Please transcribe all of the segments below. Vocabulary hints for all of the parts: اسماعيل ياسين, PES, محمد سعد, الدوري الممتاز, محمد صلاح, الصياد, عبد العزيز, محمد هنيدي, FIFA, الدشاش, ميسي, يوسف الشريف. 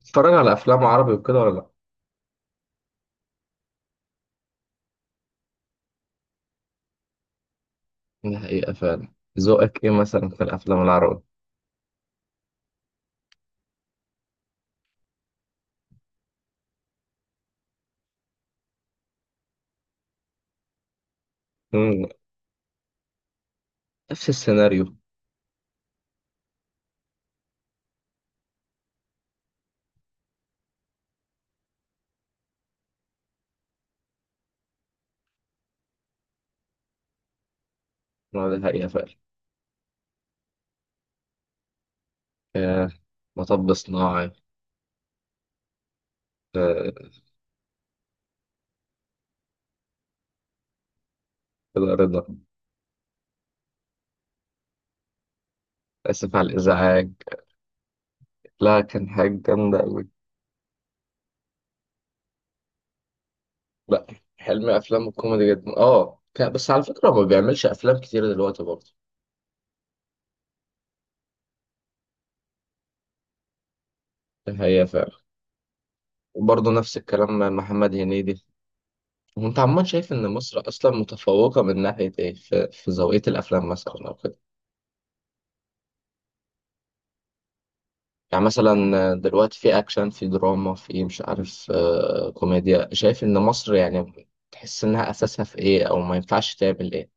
بتتفرج على افلام عربي وكده ولا لا؟ دي حقيقة فعلا. ذوقك ايه مثلا في الافلام العربي؟ مم، نفس السيناريو. ما دي حقيقة فعلا. آه، مطب صناعي. آه، كده رضا. اسف على الازعاج. لا، كان حاجة جامدة قوي. لا، حلمي افلام الكوميدي جدا اه بس على فكرة هو ما بيعملش افلام كتير دلوقتي برضه. دي حقيقة فعلا. وبرضه نفس الكلام مع محمد هنيدي. وانت عمال شايف ان مصر اصلا متفوقة من ناحية ايه في ذوقية الافلام مثلا او كده؟ يعني مثلا دلوقتي في اكشن في دراما في مش عارف كوميديا، شايف ان مصر يعني تحس انها اساسها في ايه او ما ينفعش تعمل ايه؟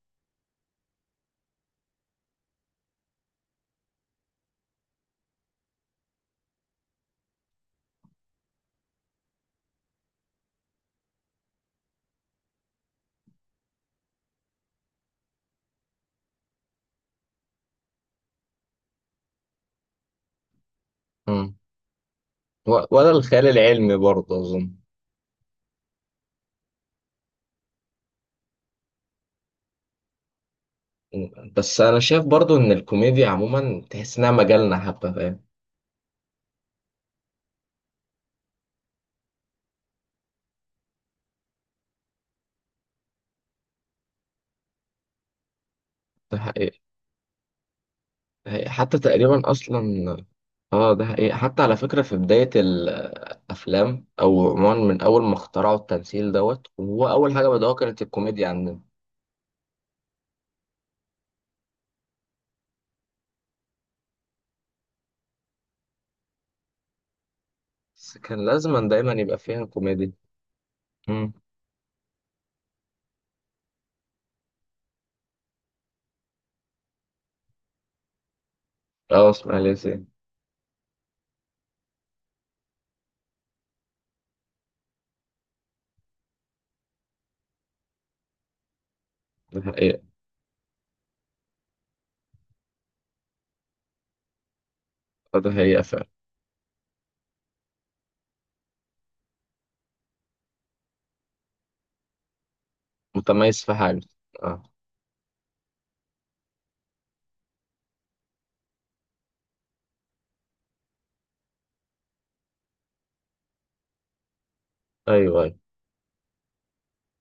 مم. ولا الخيال العلمي برضه اظن؟ مم. بس انا شايف برضه ان الكوميديا عموما تحس انها مجالنا حبه، فاهم؟ ده حقيقي. ده حقيقي. حتى تقريبا اصلا اه ده حقيقي. حتى على فكره في بدايه الافلام او عموما من اول ما اخترعوا التمثيل دوت هو اول حاجه بدأوها كانت الكوميديا عندنا. بس كان لازما دايما يبقى فيها كوميديا. مم. اه اسماعيل ياسين. ده حقيقة. آه، ده حقيقة فعلا. متميز في حاجة. اه. ايوه ايوه.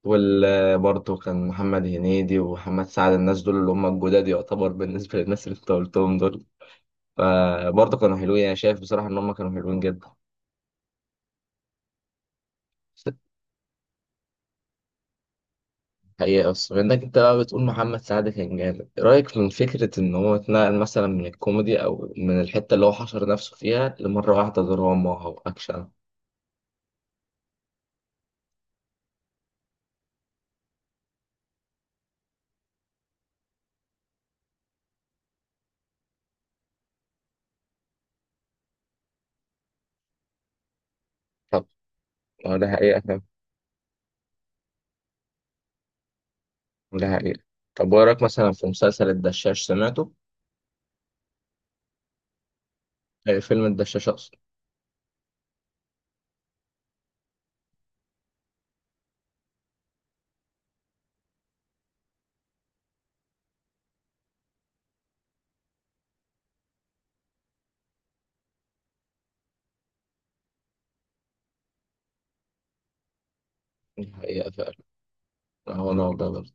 وال برضه كان محمد هنيدي ومحمد سعد، الناس دول اللي هم الجداد يعتبر بالنسبة للناس اللي انت قلتهم دول. فبرضه كانوا حلوين، انا شايف بصراحة ان هم كانوا حلوين جدا. حقيقة. بس بما انك انت بقى بتقول محمد سعد كان جامد، إيه رأيك من فكرة ان هو اتنقل مثلا من الكوميدي او من الحتة اللي هو حشر نفسه فيها لمرة واحدة دراما او اكشن؟ طب. آه، ده حقيقة. ده حقيقة. طب وإيه رأيك مثلا في مسلسل الدشاش، سمعته؟ آه، فيلم الدشاش أقصد. دي حقيقة فعلا. هو نوع ده برضه.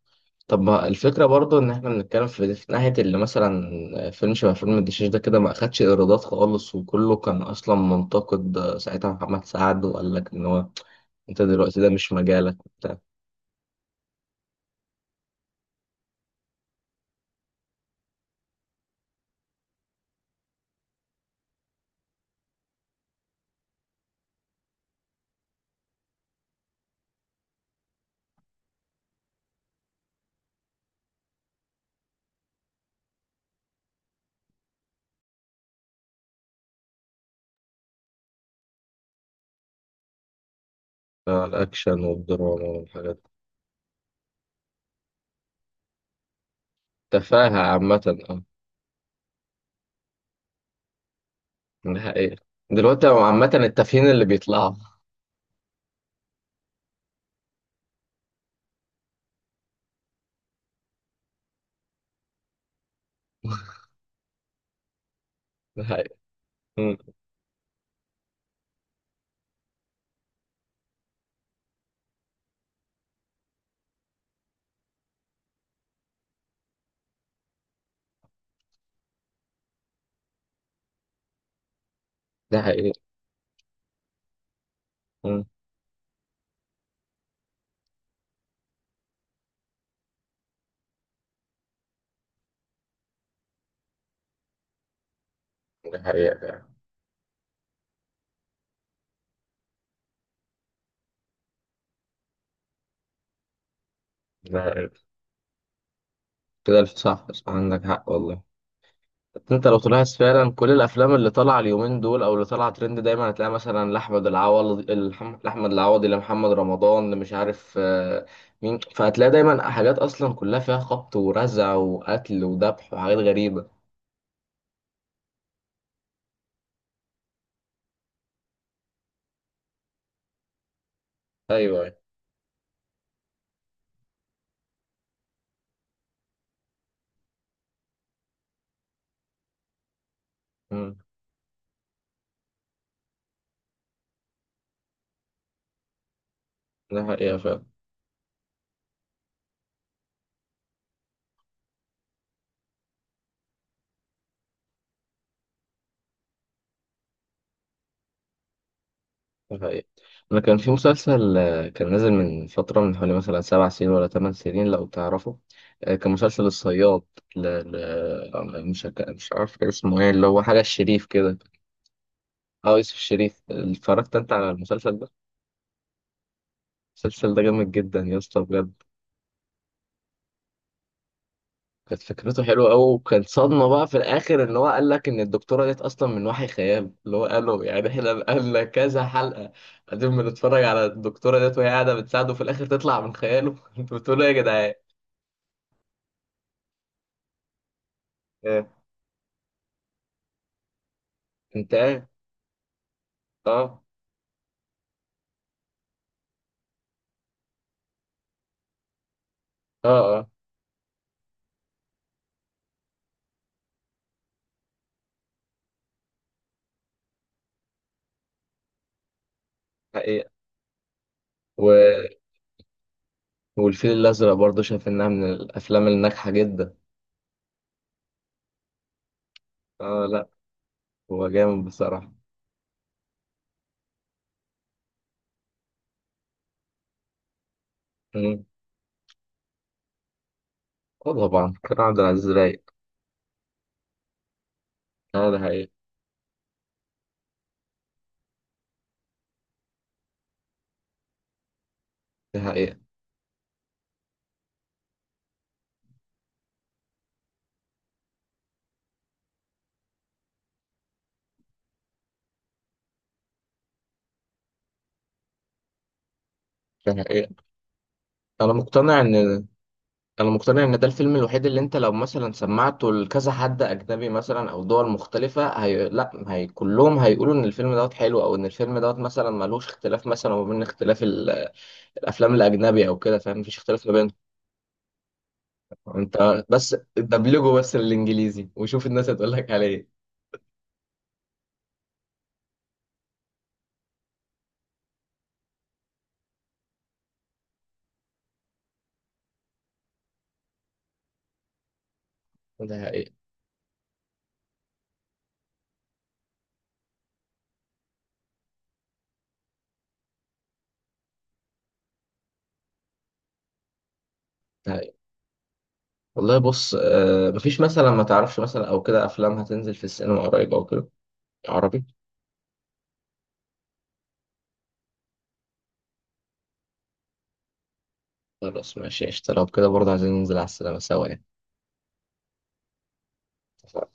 طب ما الفكرة برضه إن إحنا بنتكلم في ناحية اللي مثلا آه، فيلم شبه فيلم الدشاش ده كده ما أخدش إيرادات خالص وكله كان أصلا منتقد. آه، ساعتها محمد سعد وقال لك إن هو أنت دلوقتي ده مش مجالك وبتاع. آه، الأكشن والدراما والحاجات دي. تفاهة عامة أه. ده حقيقة. دلوقتي هو عامة التافهين اللي بيطلعوا. ده حقيقة. مم. ده حقيقة. مم. ده حقيقة. لا، صح صح، عندك حق والله. بس انت لو طلعت فعلا كل الافلام اللي طالعه اليومين دول او اللي طالعه ترند دايما هتلاقي مثلا لاحمد العوضي لاحمد العوضي لمحمد رمضان مش عارف آه، مين؟ فهتلاقي دايما حاجات اصلا كلها فيها خبط ورزع وقتل وذبح وحاجات غريبه. ايوه ايوه. مم. ده حقيقه فعلا. ده حقيقي. أنا كان في مسلسل آه، كان نازل من فترة من حوالي مثلا 7 سنين ولا 8 سنين لو تعرفه. آه، كان مسلسل الصياد. ل... ل... مش هك- مش عارف كان اسمه ايه، اللي هو حاجة الشريف كده. اه يوسف الشريف، اتفرجت انت على المسلسل ده؟ المسلسل ده جامد جدا يا اسطى بجد. كانت فكرته حلوة أوي وكان صدمة بقى في الآخر إن هو قال لك إن الدكتورة ديت أصلا من وحي خيال اللي هو قاله، يعني إحنا قالنا كذا حلقة قاعدين بنتفرج على الدكتورة ديت وهي قاعدة بتساعده في الآخر تطلع من خياله. أنتوا بتقولوا إيه يا جدعان؟ آه. انت عارف. اه اه اه. حقيقة. و... والفيل الأزرق برضه شايف إنها من الأفلام الناجحة جدا. اه لا، هو جامد بصراحة. مم. اه طبعا كان عبد العزيز رايق. اه ده حقيقة. ده حقيقة. ده حقيقة. أنا مقتنع إن أنا مقتنع إن ده الفيلم الوحيد اللي أنت لو مثلا سمعته لكذا حد أجنبي مثلا أو دول مختلفة، لا هي كلهم هيقولوا إن الفيلم دوت حلو أو إن الفيلم دوت مثلا ملوش اختلاف مثلا ما بين اختلاف ال... الأفلام الأجنبي أو كده، فاهم؟ مفيش اختلاف ما بين انت بس دبلجه بس الانجليزي وشوف الناس هتقول لك على ايه. ده حقيقي. ده حقيقي والله. بص آه مفيش مثلا ما تعرفش مثلا او كده افلام هتنزل في السينما قريب او كده، عربي؟ خلاص ماشي قشطة، لو كده برضه عايزين ننزل على السينما سوا يعني.